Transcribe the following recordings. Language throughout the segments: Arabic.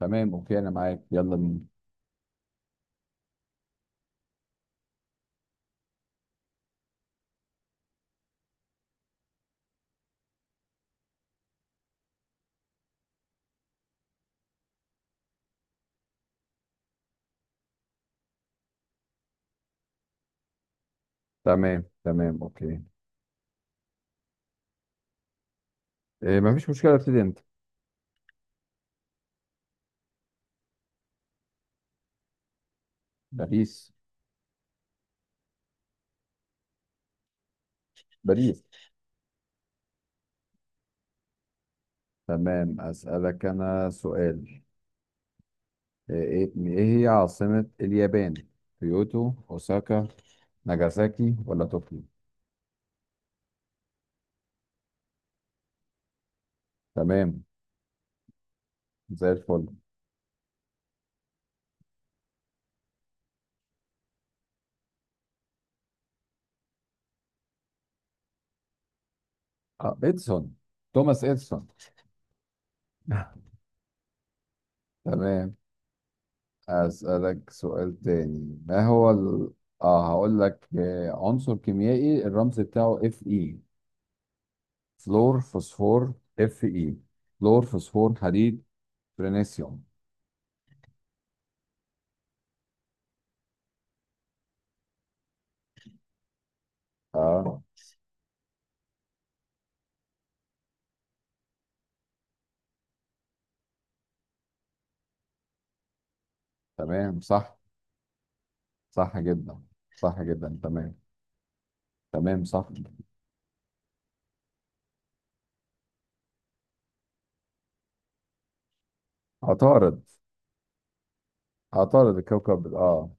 تمام اوكي انا معاك يلا بينا. تمام تمام اوكي. إيه مفيش مشكله، ابتدي انت. باريس. باريس تمام، اسالك انا سؤال. ايه إيه هي عاصمه اليابان؟ كيوتو، اوساكا، ناجازاكي ولا طوكيو؟ تمام، زي الفل. اديسون، توماس اديسون. تمام، اسالك سؤال تاني. ما هو ال... اه هقول لك، عنصر كيميائي الرمز بتاعه اف اي. فلور، فوسفور؟ اف اي. فلور، فوسفور، حديد، برينيسيوم. اه، تمام صح. صح جدا، صح جدا تمام. تمام صح. عطارد. عطارد الكوكب، اه.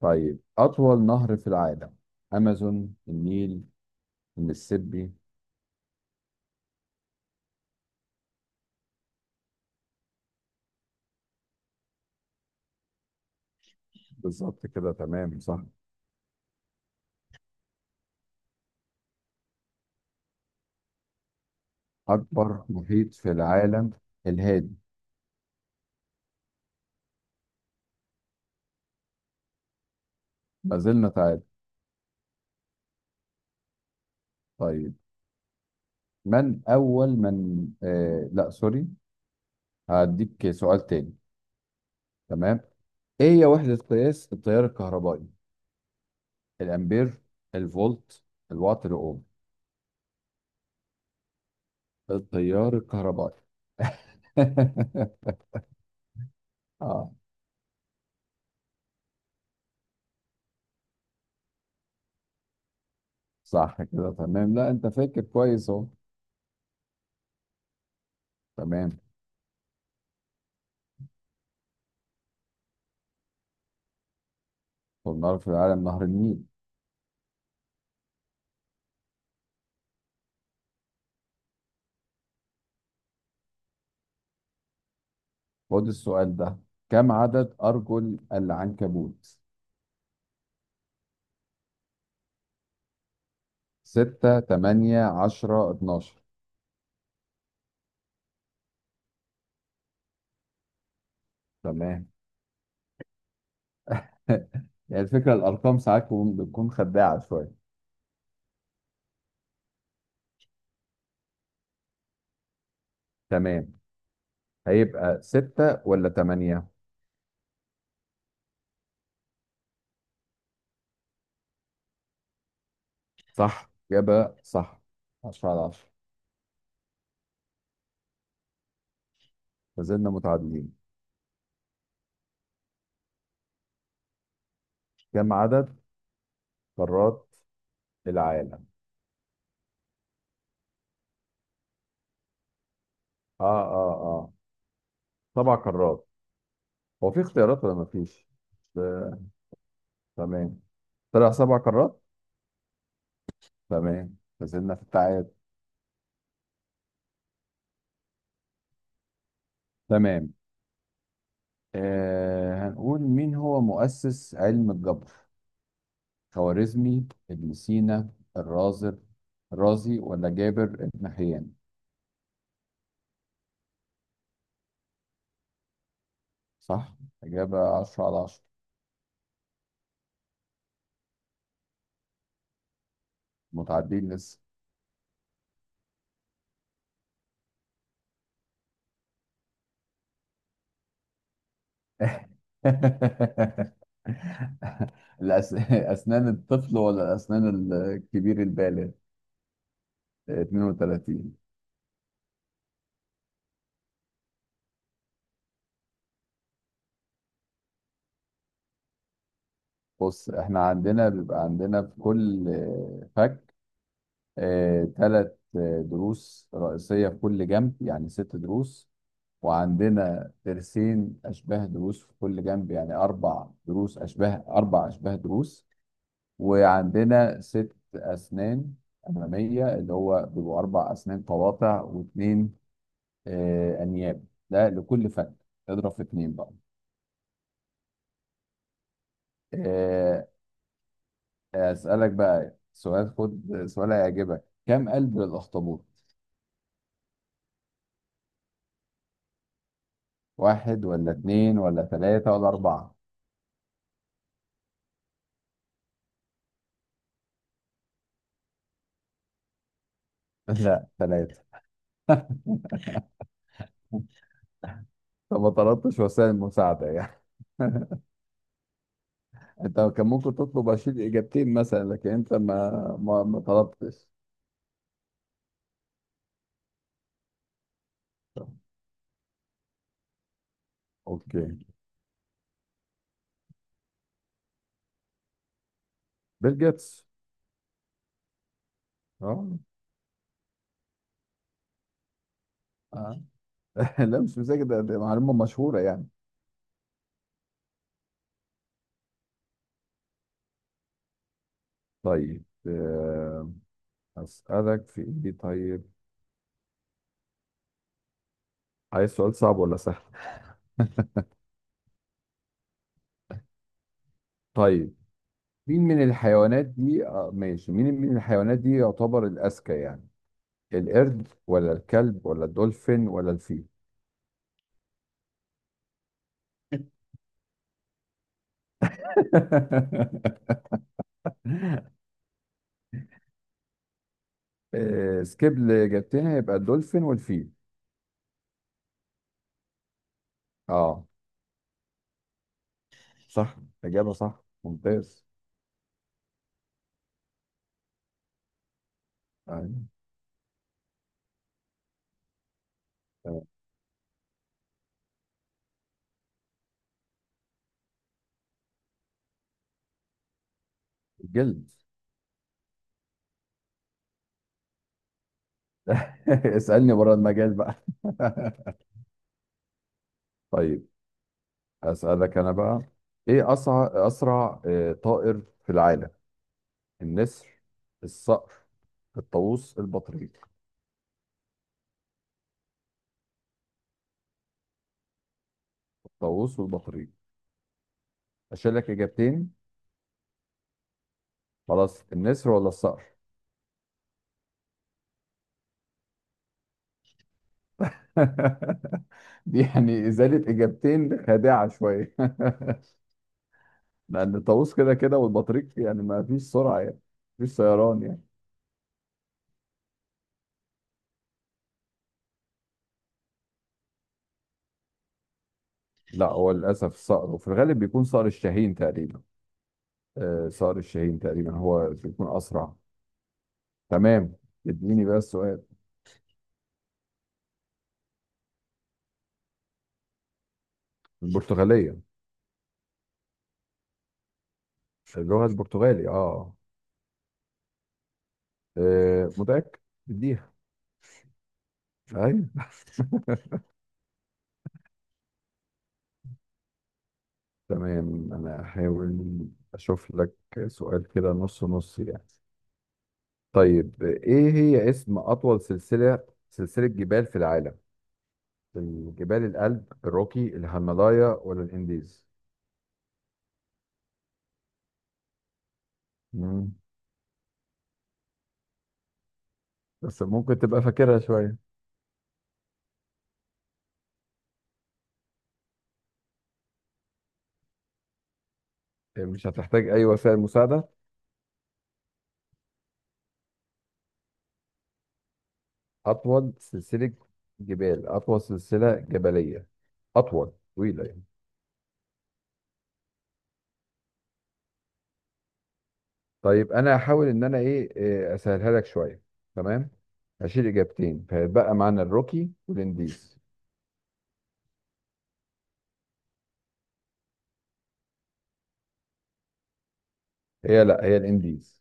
طيب، اطول نهر في العالم. امازون، النيل، المسيسيبي. بالظبط كده، تمام صح. اكبر محيط في العالم، الهادي. ما زلنا تعادل. طيب، من اول من آه لا سوري، هديك سؤال تاني. تمام. ايه هي وحدة قياس التيار الكهربائي؟ الامبير، الفولت، الوات، الاوم. التيار الكهربائي. اه، صح كده تمام، لا انت فاكر كويس اهو. تمام. والنار في العالم نهر النيل. خد السؤال ده، كم عدد ارجل العنكبوت؟ ستة، تمانية، 10، 12. تمام. يعني الفكرة الارقام ساعات بتكون خداعة شوية. تمام، هيبقى ستة ولا تمانية؟ صح، إجابة صح. 10 على 10. ما زلنا متعادلين. كم عدد قارات العالم؟ اه اه اه سبع قارات. هو في اختيارات ولا ما فيش؟ آه، تمام. طلع سبع قارات؟ تمام، ما زلنا في التعادل. تمام، هنقول مين هو مؤسس علم الجبر؟ خوارزمي، ابن سينا، الرازر، الرازي ولا جابر بن حيان؟ صح؟ إجابة 10 على 10. متعادلين لسه. أسنان الطفل ولا أسنان الكبير البالغ؟ 32. بص احنا بيبقى عندنا في كل فك، ثلاث ضروس رئيسية في كل جنب يعني ست ضروس. وعندنا ضرسين أشباه ضروس في كل جنب يعني أربع أشباه ضروس. وعندنا ست أسنان أمامية اللي هو بيبقوا أربع أسنان قواطع، واثنين انياب. ده لكل فن، اضرب في اتنين بقى. آه، اسالك بقى سؤال، خد سؤال هيعجبك. كم قلب للاخطبوط؟ واحد ولا اتنين ولا تلاتة ولا أربعة؟ لا، تلاتة. طب ما طلبتش وسائل مساعدة يعني. انت كان ممكن تطلب اشيل اجابتين مثلا، لكن انت ما طلبتش. طب، اوكي. بيل جيتس. اه. آه. لا مش مذاكر، ده معلومة مشهورة يعني. طيب، أسألك في إيه طيب. عايز سؤال صعب ولا سهل؟ طيب، مين من الحيوانات دي يعتبر الأذكى يعني؟ القرد ولا الكلب ولا الدولفين ولا الفيل؟ سكيب، اللي جبتنا يبقى الدولفين والفيل. اه، صح، إجابة صح ممتاز. أيوة، تمام. الجلد. اسألني بره المجال بقى. طيب أسألك أنا بقى. إيه أسرع طائر في العالم؟ النسر، الصقر، الطاووس، البطريق؟ الطاووس والبطريق، اشيل لك اجابتين. خلاص، النسر ولا الصقر؟ دي يعني ازاله اجابتين خادعه شويه. لان الطاووس كده كده والبطريق يعني ما فيش سرعه يعني، ما فيش طيران يعني. لا، هو للاسف الصقر، وفي الغالب بيكون صقر الشاهين تقريبا. صقر الشاهين تقريبا هو بيكون اسرع. تمام، اديني بقى السؤال. البرتغاليه. اللغه البرتغالي آه متاكد، اديها. ايوه. تمام، انا هحاول اشوف لك سؤال كده نص نص يعني. طيب ايه هي اسم اطول سلسلة جبال في العالم؟ الجبال الألب، الروكي، الهيمالايا ولا الانديز؟ مم. بس ممكن تبقى فاكرها شوية. مش هتحتاج اي وسائل مساعدة. اطول سلسلة اطول سلسلة جبلية، اطول، طويلة يعني. طيب، انا هحاول ان انا ايه إيه، اسهلها لك شويه. تمام، هشيل اجابتين فيبقى معانا الروكي والانديز. هي لا هي الانديز،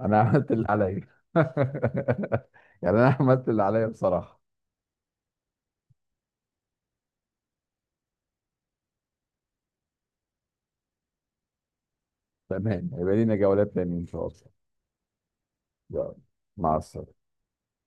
انا عملت اللي عليا. يعني انا عملت اللي عليا بصراحه. تمام، هيبقى لينا جولات تانية ان شاء الله. يلا، مع السلامه.